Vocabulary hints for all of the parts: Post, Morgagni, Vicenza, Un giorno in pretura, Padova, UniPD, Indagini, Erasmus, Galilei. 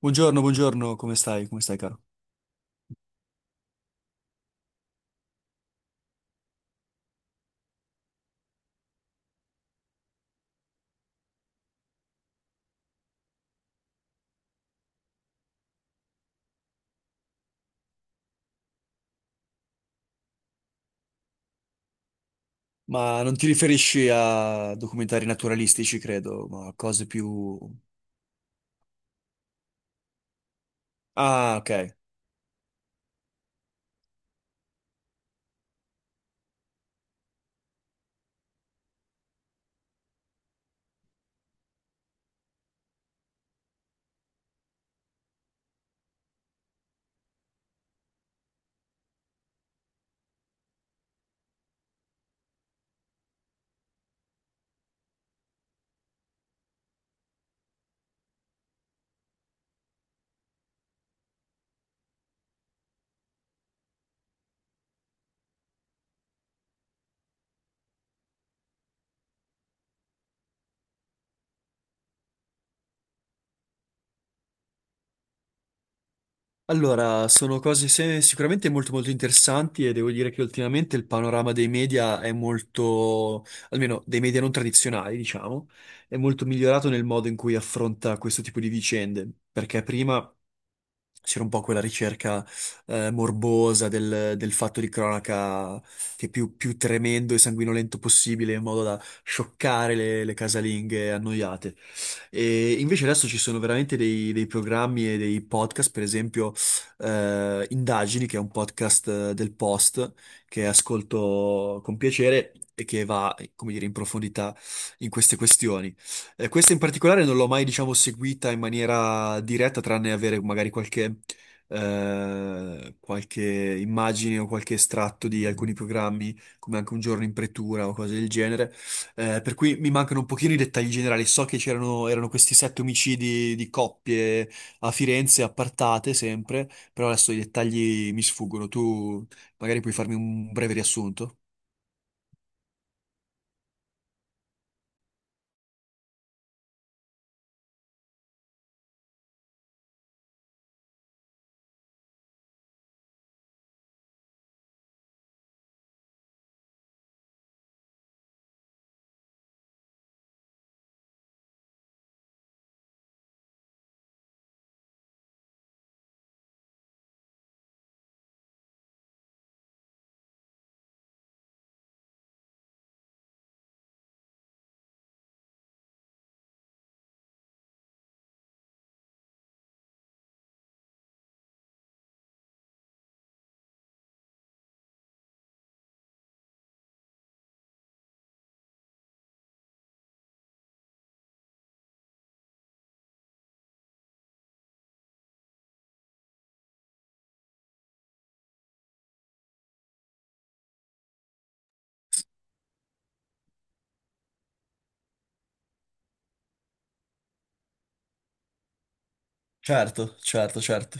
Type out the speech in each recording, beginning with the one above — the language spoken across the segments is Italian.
Buongiorno, buongiorno, come stai? Come stai, caro? Ma non ti riferisci a documentari naturalistici, credo, ma a cose più... Ah, ok. Allora, sono cose sicuramente molto molto interessanti e devo dire che ultimamente il panorama dei media è molto, almeno dei media non tradizionali, diciamo, è molto migliorato nel modo in cui affronta questo tipo di vicende, perché prima c'era un po' quella ricerca morbosa del fatto di cronaca che più, più tremendo e sanguinolento possibile in modo da scioccare le casalinghe annoiate. E invece adesso ci sono veramente dei programmi e dei podcast, per esempio Indagini, che è un podcast del Post, che ascolto con piacere e che va, come dire, in profondità in queste questioni. Questa in particolare non l'ho mai, diciamo, seguita in maniera diretta, tranne avere magari qualche, qualche immagine o qualche estratto di alcuni programmi, come anche Un giorno in pretura o cose del genere. Per cui mi mancano un pochino i dettagli generali. So che c'erano erano questi 7 omicidi di coppie a Firenze, appartate sempre, però adesso i dettagli mi sfuggono. Tu magari puoi farmi un breve riassunto? Certo, certo, certo.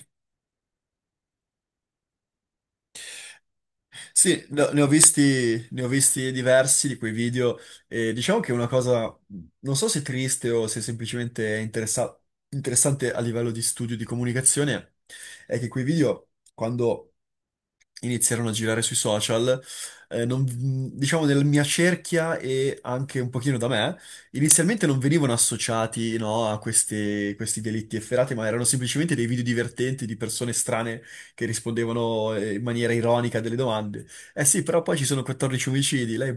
Sì, no, ne ho visti diversi di quei video e diciamo che è una cosa, non so se triste o se semplicemente è interessante a livello di studio di comunicazione, è che quei video, quando iniziarono a girare sui social, eh, non- diciamo nella mia cerchia e anche un pochino da me, inizialmente non venivano associati, no, a questi delitti efferati, ma erano semplicemente dei video divertenti di persone strane che rispondevano in maniera ironica a delle domande. Eh sì, però poi ci sono 14 omicidi, lei...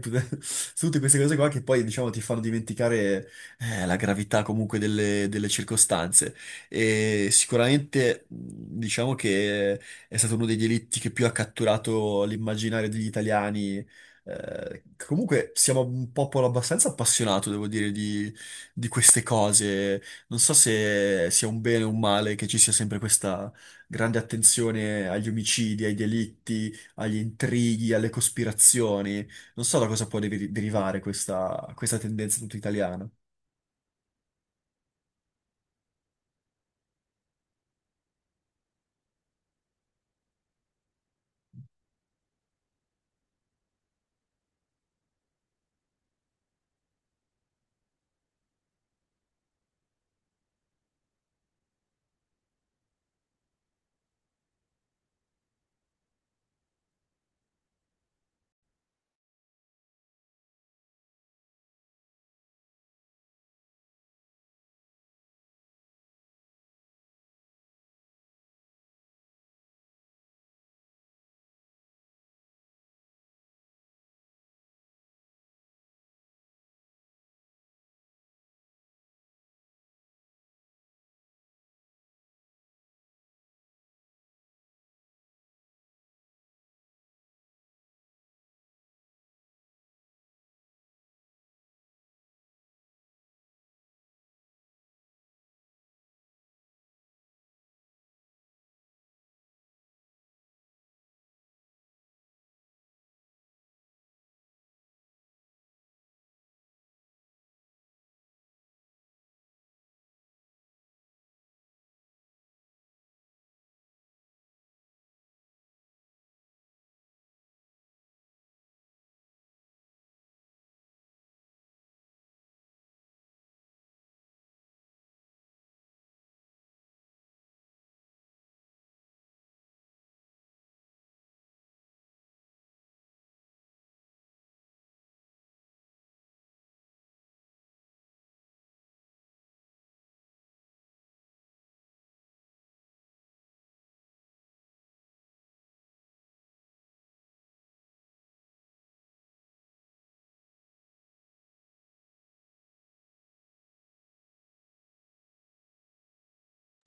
tutte queste cose qua che poi, diciamo, ti fanno dimenticare la gravità comunque delle circostanze. E sicuramente diciamo che è stato uno dei delitti che più ha catturato l'immaginario degli italiani. Comunque siamo un popolo abbastanza appassionato, devo dire, di queste cose. Non so se sia un bene o un male che ci sia sempre questa grande attenzione agli omicidi, ai delitti, agli intrighi, alle cospirazioni. Non so da cosa può derivare questa, questa tendenza tutta italiana.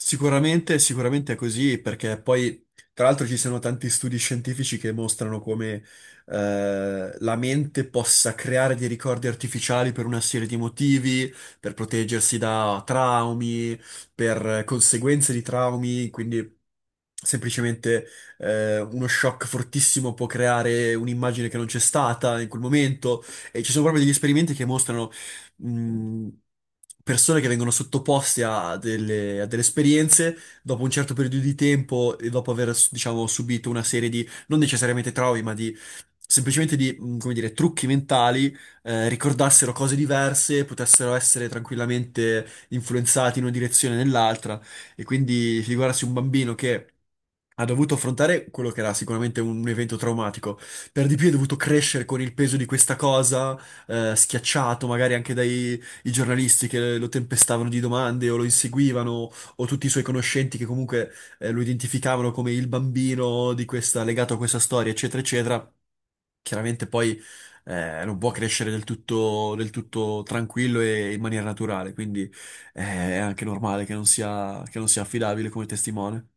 Sicuramente, sicuramente è così, perché poi, tra l'altro, ci sono tanti studi scientifici che mostrano come la mente possa creare dei ricordi artificiali per una serie di motivi, per proteggersi da traumi, per conseguenze di traumi, quindi semplicemente uno shock fortissimo può creare un'immagine che non c'è stata in quel momento. E ci sono proprio degli esperimenti che mostrano mh, persone che vengono sottoposte a a delle esperienze dopo un certo periodo di tempo e dopo aver, diciamo, subito una serie di, non necessariamente traumi, ma di semplicemente come dire, trucchi mentali, ricordassero cose diverse, potessero essere tranquillamente influenzati in una direzione o nell'altra. E quindi figurarsi un bambino che ha dovuto affrontare quello che era sicuramente un evento traumatico, per di più ha dovuto crescere con il peso di questa cosa, schiacciato magari anche dai i giornalisti che lo tempestavano di domande o lo inseguivano, o tutti i suoi conoscenti che comunque lo identificavano come il bambino di questa, legato a questa storia, eccetera, eccetera. Chiaramente poi, non può crescere del tutto tranquillo e in maniera naturale, quindi eh, è anche normale che non sia affidabile come testimone.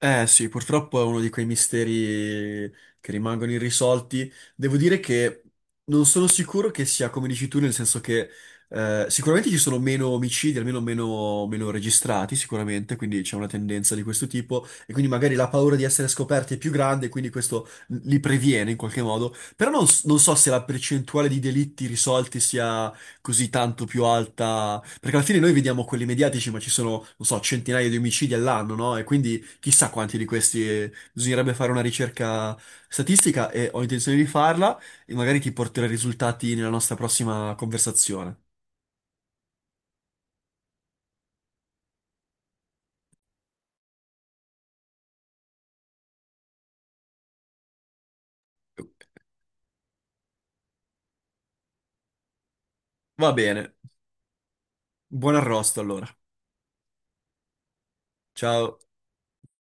Eh sì, purtroppo è uno di quei misteri che rimangono irrisolti. Devo dire che non sono sicuro che sia come dici tu, nel senso che sicuramente ci sono meno omicidi, almeno meno, meno registrati, sicuramente, quindi c'è una tendenza di questo tipo e quindi magari la paura di essere scoperti è più grande, quindi questo li previene in qualche modo. Però non so se la percentuale di delitti risolti sia così tanto più alta, perché alla fine noi vediamo quelli mediatici, ma ci sono, non so, centinaia di omicidi all'anno, no? E quindi chissà quanti di questi, bisognerebbe fare una ricerca statistica, e ho intenzione di farla e magari ti porterò i risultati nella nostra prossima conversazione. Va bene, buon arrosto allora. Ciao.